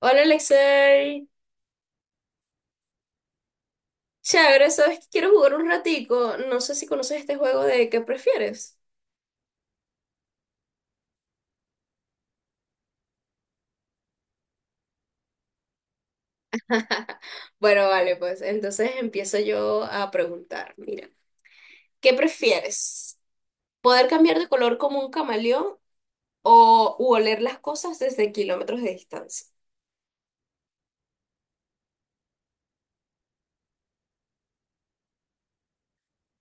Hola Alexei, chévere, sabes que quiero jugar un ratico. No sé si conoces este juego de ¿qué prefieres? Bueno, vale, pues entonces empiezo yo a preguntar. Mira, ¿qué prefieres? ¿Poder cambiar de color como un camaleón o u oler las cosas desde kilómetros de distancia?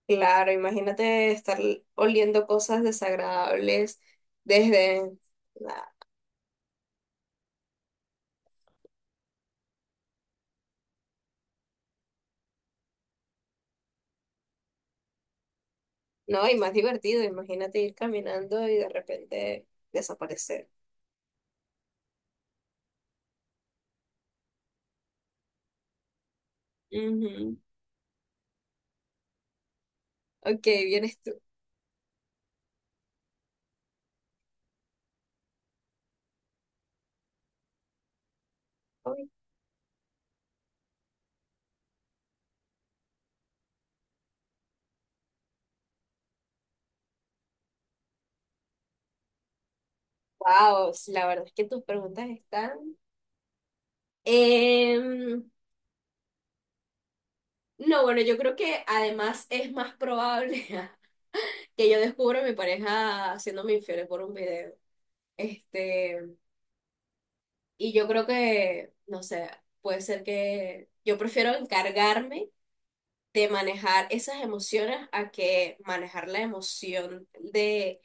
Claro, imagínate estar oliendo cosas desagradables desde... No, y más divertido, imagínate ir caminando y de repente desaparecer. Ujú. Ok, vienes tú. Wow, la verdad es que tus preguntas están. Em, no, bueno, yo creo que además es más probable que yo descubra a mi pareja haciéndome infiel por un video. Este, y yo creo que, no sé, puede ser que yo prefiero encargarme de manejar esas emociones a que manejar la emoción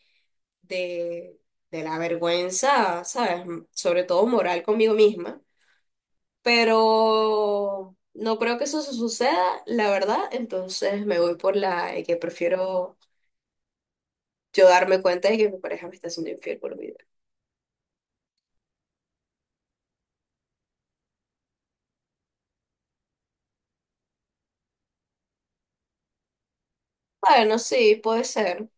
de, de la vergüenza, ¿sabes? Sobre todo moral conmigo misma, pero no creo que eso suceda, la verdad. Entonces me voy por la de que prefiero yo darme cuenta de que mi pareja me está haciendo infiel por video. Bueno, sí, puede ser.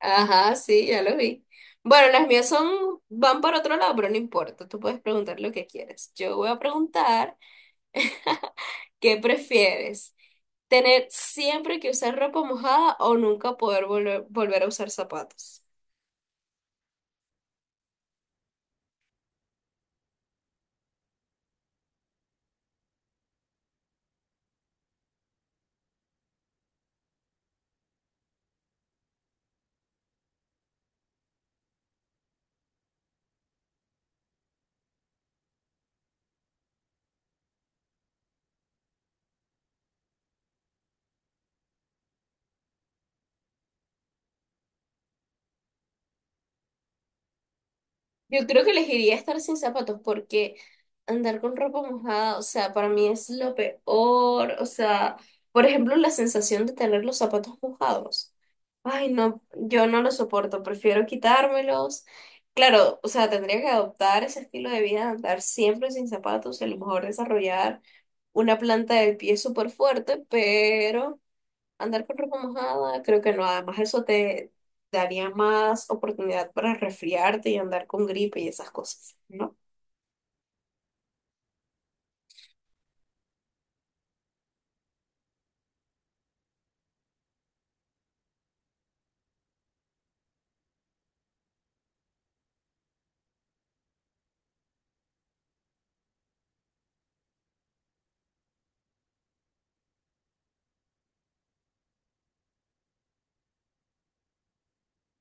Ajá, sí, ya lo vi. Bueno, las mías son, van para otro lado, pero no importa. Tú puedes preguntar lo que quieras. Yo voy a preguntar, ¿qué prefieres? ¿Tener siempre que usar ropa mojada o nunca poder volver a usar zapatos? Yo creo que elegiría estar sin zapatos porque andar con ropa mojada, o sea, para mí es lo peor. O sea, por ejemplo, la sensación de tener los zapatos mojados. Ay, no, yo no lo soporto, prefiero quitármelos. Claro, o sea, tendría que adoptar ese estilo de vida de andar siempre sin zapatos y a lo mejor desarrollar una planta del pie súper fuerte, pero andar con ropa mojada, creo que no. Además, eso te daría más oportunidad para resfriarte y andar con gripe y esas cosas, ¿no?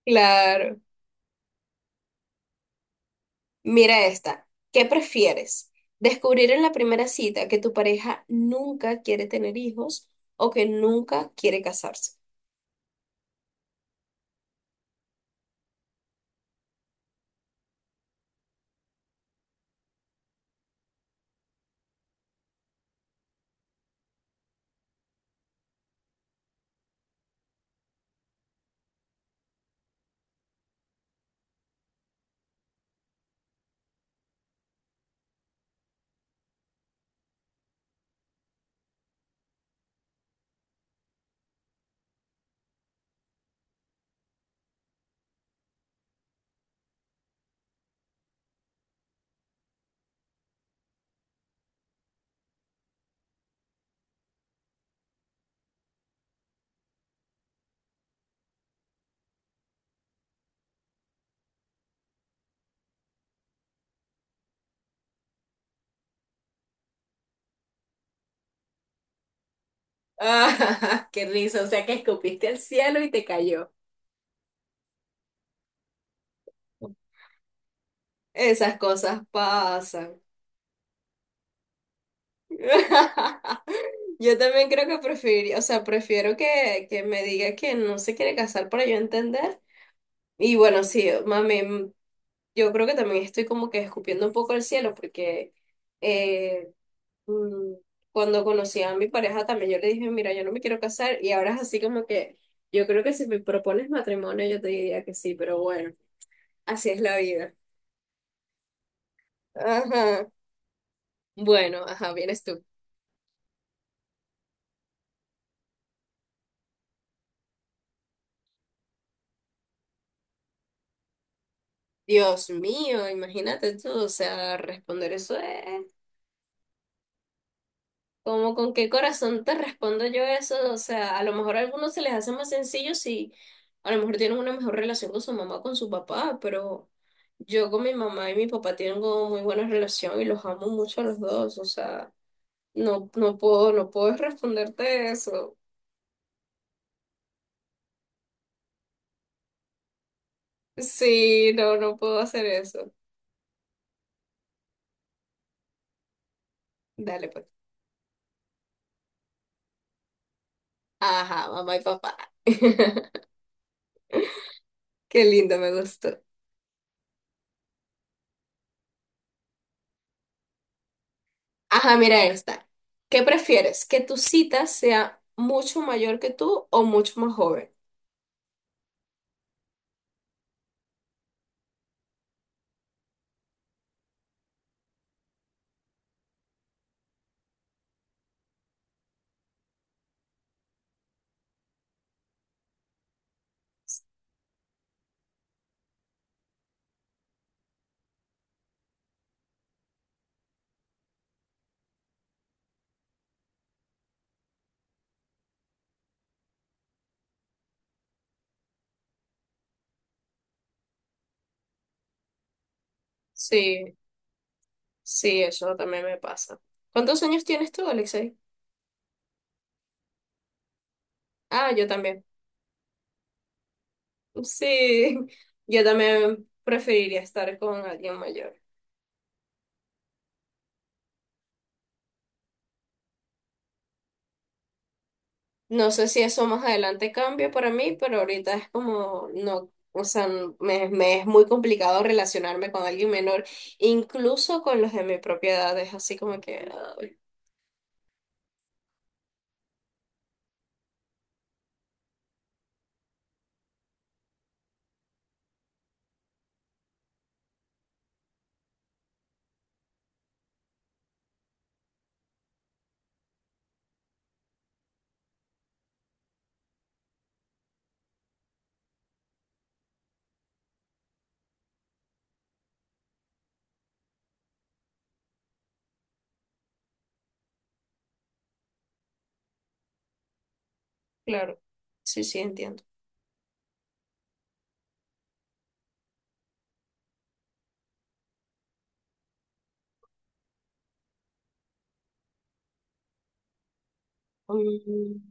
Claro. Mira esta. ¿Qué prefieres? ¿Descubrir en la primera cita que tu pareja nunca quiere tener hijos o que nunca quiere casarse? Ah, qué risa, o sea que escupiste al cielo y te cayó. Esas cosas pasan. Yo también creo que preferiría, o sea, prefiero que me diga que no se quiere casar para yo entender. Y bueno, sí, mami, yo creo que también estoy como que escupiendo un poco el cielo porque eh, mm, cuando conocí a mi pareja también yo le dije, mira, yo no me quiero casar y ahora es así como que yo creo que si me propones matrimonio yo te diría que sí, pero bueno, así es la vida. Ajá. Bueno, ajá, vienes tú. Dios mío, imagínate tú, o sea, responder eso es... Como con qué corazón te respondo yo eso, o sea, a lo mejor a algunos se les hace más sencillo si a lo mejor tienen una mejor relación con su mamá o con su papá, pero yo con mi mamá y mi papá tengo muy buena relación y los amo mucho a los dos, o sea, no puedo responderte eso. Sí, no, no puedo hacer eso. Dale pues. Ajá, mamá y papá. Qué lindo, me gustó. Ajá, mira esta. ¿Qué prefieres? ¿Que tu cita sea mucho mayor que tú o mucho más joven? Sí, sí, eso también me pasa. ¿Cuántos años tienes tú, Alexei? Ah, yo también. Sí, yo también preferiría estar con alguien mayor. No sé si eso más adelante cambie para mí, pero ahorita es como, no, o sea, me es muy complicado relacionarme con alguien menor, incluso con los de mi propia edad, es así como que, ay, claro, sí, sí, entiendo. Mm,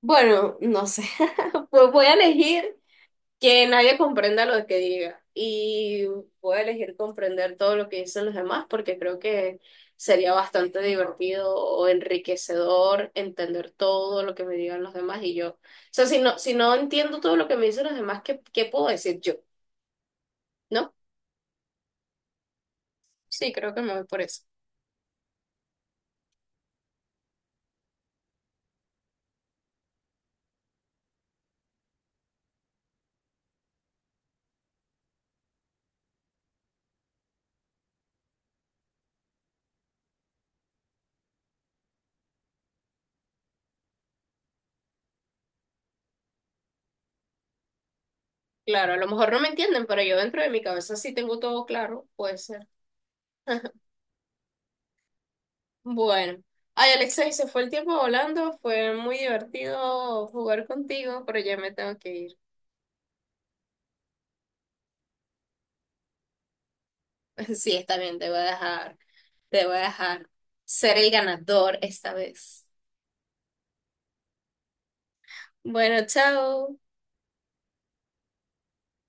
Bueno, no sé. Pues voy a elegir que nadie comprenda lo que diga y voy a elegir comprender todo lo que dicen los demás porque creo que sería bastante divertido o enriquecedor entender todo lo que me digan los demás y yo. O sea, si no entiendo todo lo que me dicen los demás, ¿qué, qué puedo decir yo? ¿No? Sí, creo que me voy por eso. Claro, a lo mejor no me entienden, pero yo dentro de mi cabeza sí tengo todo claro, puede ser. Bueno, ay Alexa, y se fue el tiempo volando, fue muy divertido jugar contigo, pero ya me tengo que ir. Sí, está bien, te voy a dejar, te voy a dejar ser el ganador esta vez. Bueno, chao.